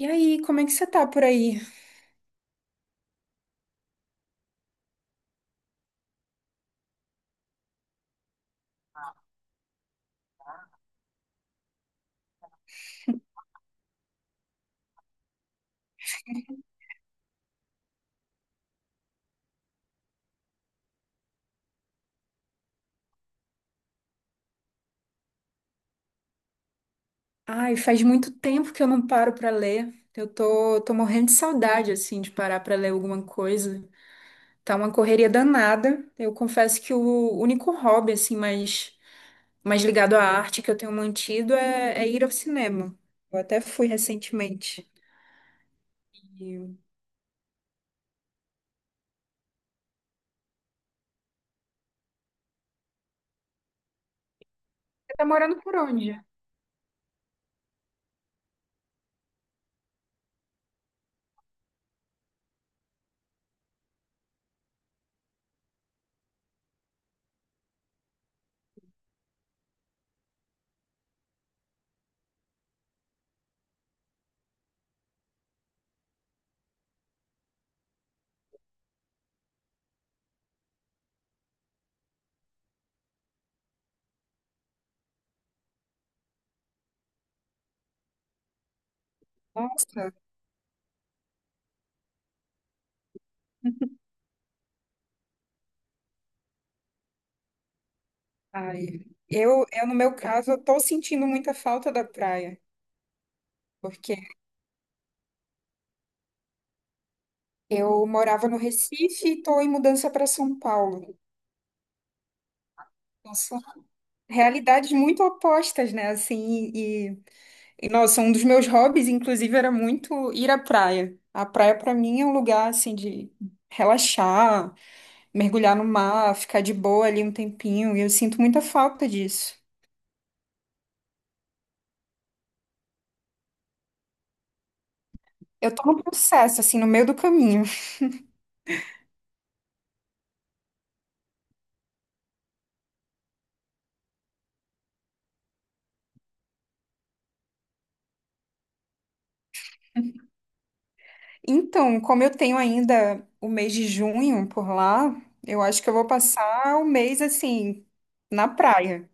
E aí, como é que você tá por aí? Ai, faz muito tempo que eu não paro pra ler. Eu tô, morrendo de saudade, assim, de parar pra ler alguma coisa. Tá uma correria danada. Eu confesso que o único hobby, assim, mais ligado à arte que eu tenho mantido é ir ao cinema. Eu até fui recentemente. E você tá morando por onde? Nossa, ai, eu no meu caso, eu tô sentindo muita falta da praia, porque eu morava no Recife e tô em mudança para São Paulo. Nossa, realidades muito opostas, né? Assim, e nossa, um dos meus hobbies, inclusive, era muito ir à praia. A praia, pra mim, é um lugar assim de relaxar, mergulhar no mar, ficar de boa ali um tempinho, e eu sinto muita falta disso. Eu tô no processo, assim, no meio do caminho. Então, como eu tenho ainda o mês de junho por lá, eu acho que eu vou passar o mês assim na praia,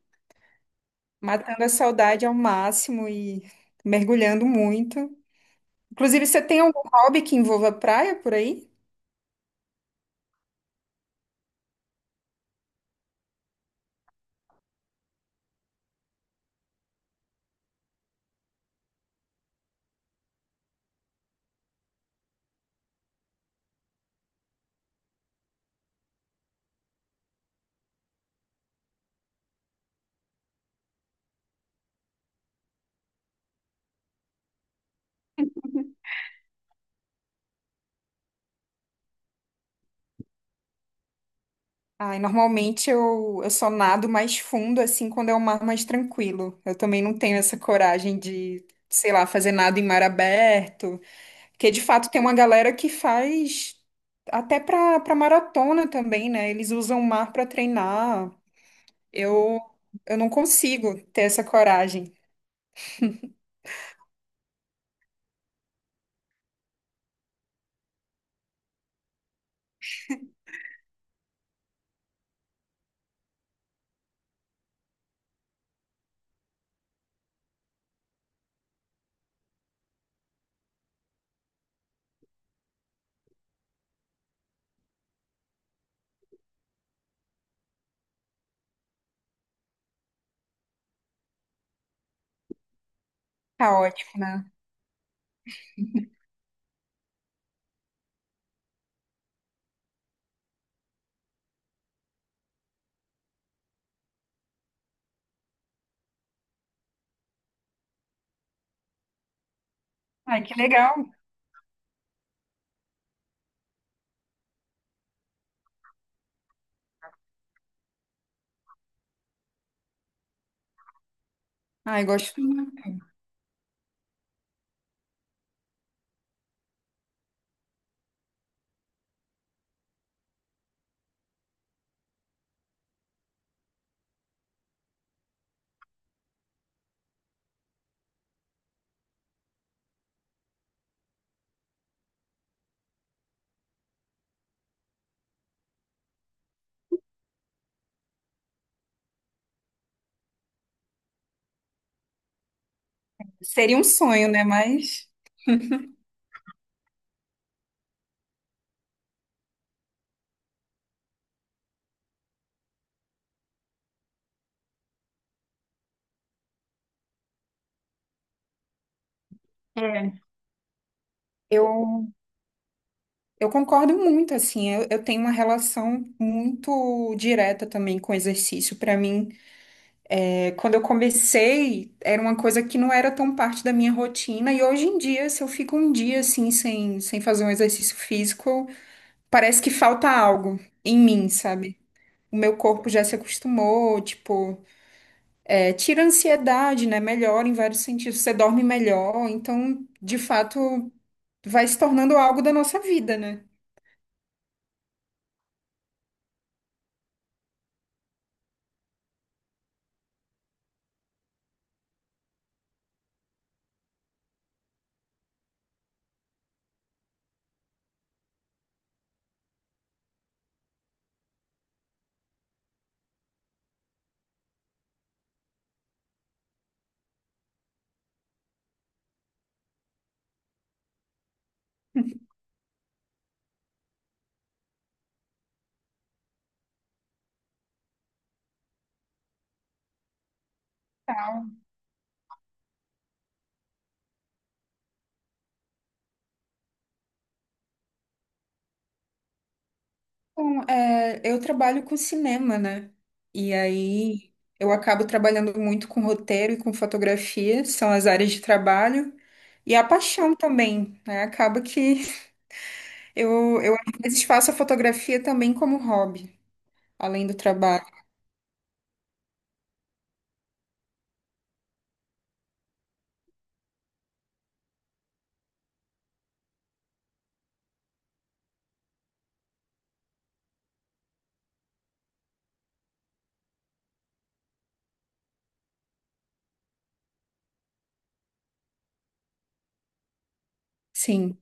matando a saudade ao máximo e mergulhando muito. Inclusive, você tem algum hobby que envolva praia por aí? Ai, normalmente eu só nado mais fundo, assim, quando é um mar mais tranquilo. Eu também não tenho essa coragem de, sei lá, fazer nada em mar aberto. Porque, de fato, tem uma galera que faz até pra maratona também, né? Eles usam o mar pra treinar. Eu, eu não consigo ter essa coragem. Tá ótimo, né? Ai, que legal. Ai, gosto muito. Seria um sonho, né? Mas... É. Eu Eu concordo muito, assim, eu tenho uma relação muito direta também com o exercício. Para mim, é, quando eu comecei, era uma coisa que não era tão parte da minha rotina, e hoje em dia, se eu fico um dia assim, sem fazer um exercício físico, parece que falta algo em mim, sabe? O meu corpo já se acostumou, tipo, é, tira a ansiedade, né? Melhora em vários sentidos, você dorme melhor, então, de fato, vai se tornando algo da nossa vida, né? Bom, é, eu trabalho com cinema, né? E aí eu acabo trabalhando muito com roteiro e com fotografia, são as áreas de trabalho. E a paixão também, né? Acaba que eu às vezes faço a fotografia também como hobby, além do trabalho. Sim.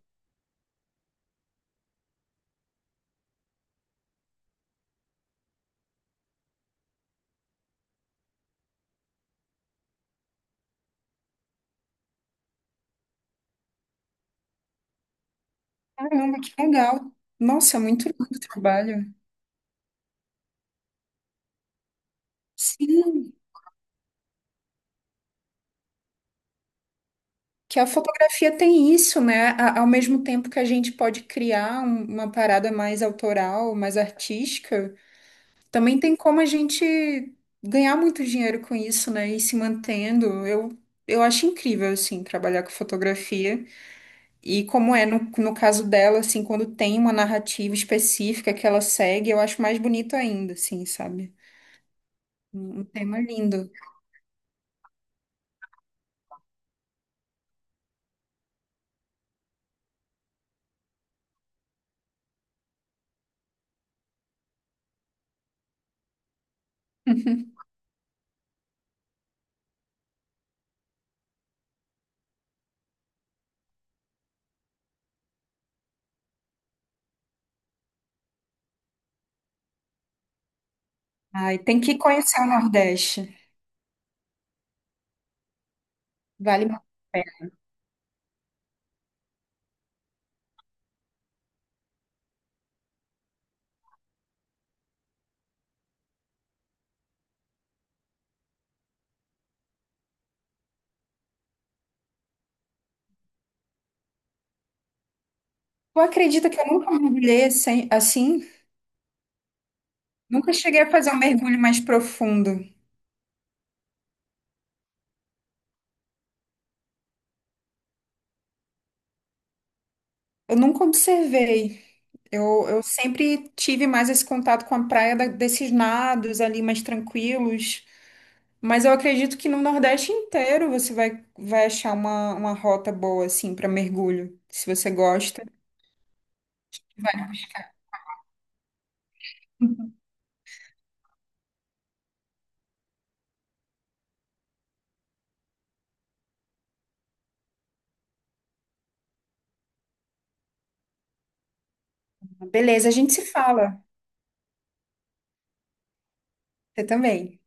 Caramba, que legal. Nossa, é muito lindo o trabalho. Sim, que a fotografia tem isso, né? Ao mesmo tempo que a gente pode criar uma parada mais autoral, mais artística. Também tem como a gente ganhar muito dinheiro com isso, né? E se mantendo. Eu acho incrível, assim, trabalhar com fotografia. E como é no, no caso dela, assim, quando tem uma narrativa específica que ela segue, eu acho mais bonito ainda, assim, sabe? Um tema lindo. Ai, tem que conhecer o Nordeste. Vale muito. Tu acredita que eu nunca mergulhei assim? Nunca cheguei a fazer um mergulho mais profundo. Eu nunca observei. Eu sempre tive mais esse contato com a praia desses nados ali mais tranquilos, mas eu acredito que no Nordeste inteiro você vai, vai achar uma rota boa assim para mergulho, se você gosta. Vai. Beleza, a gente se fala. Você também.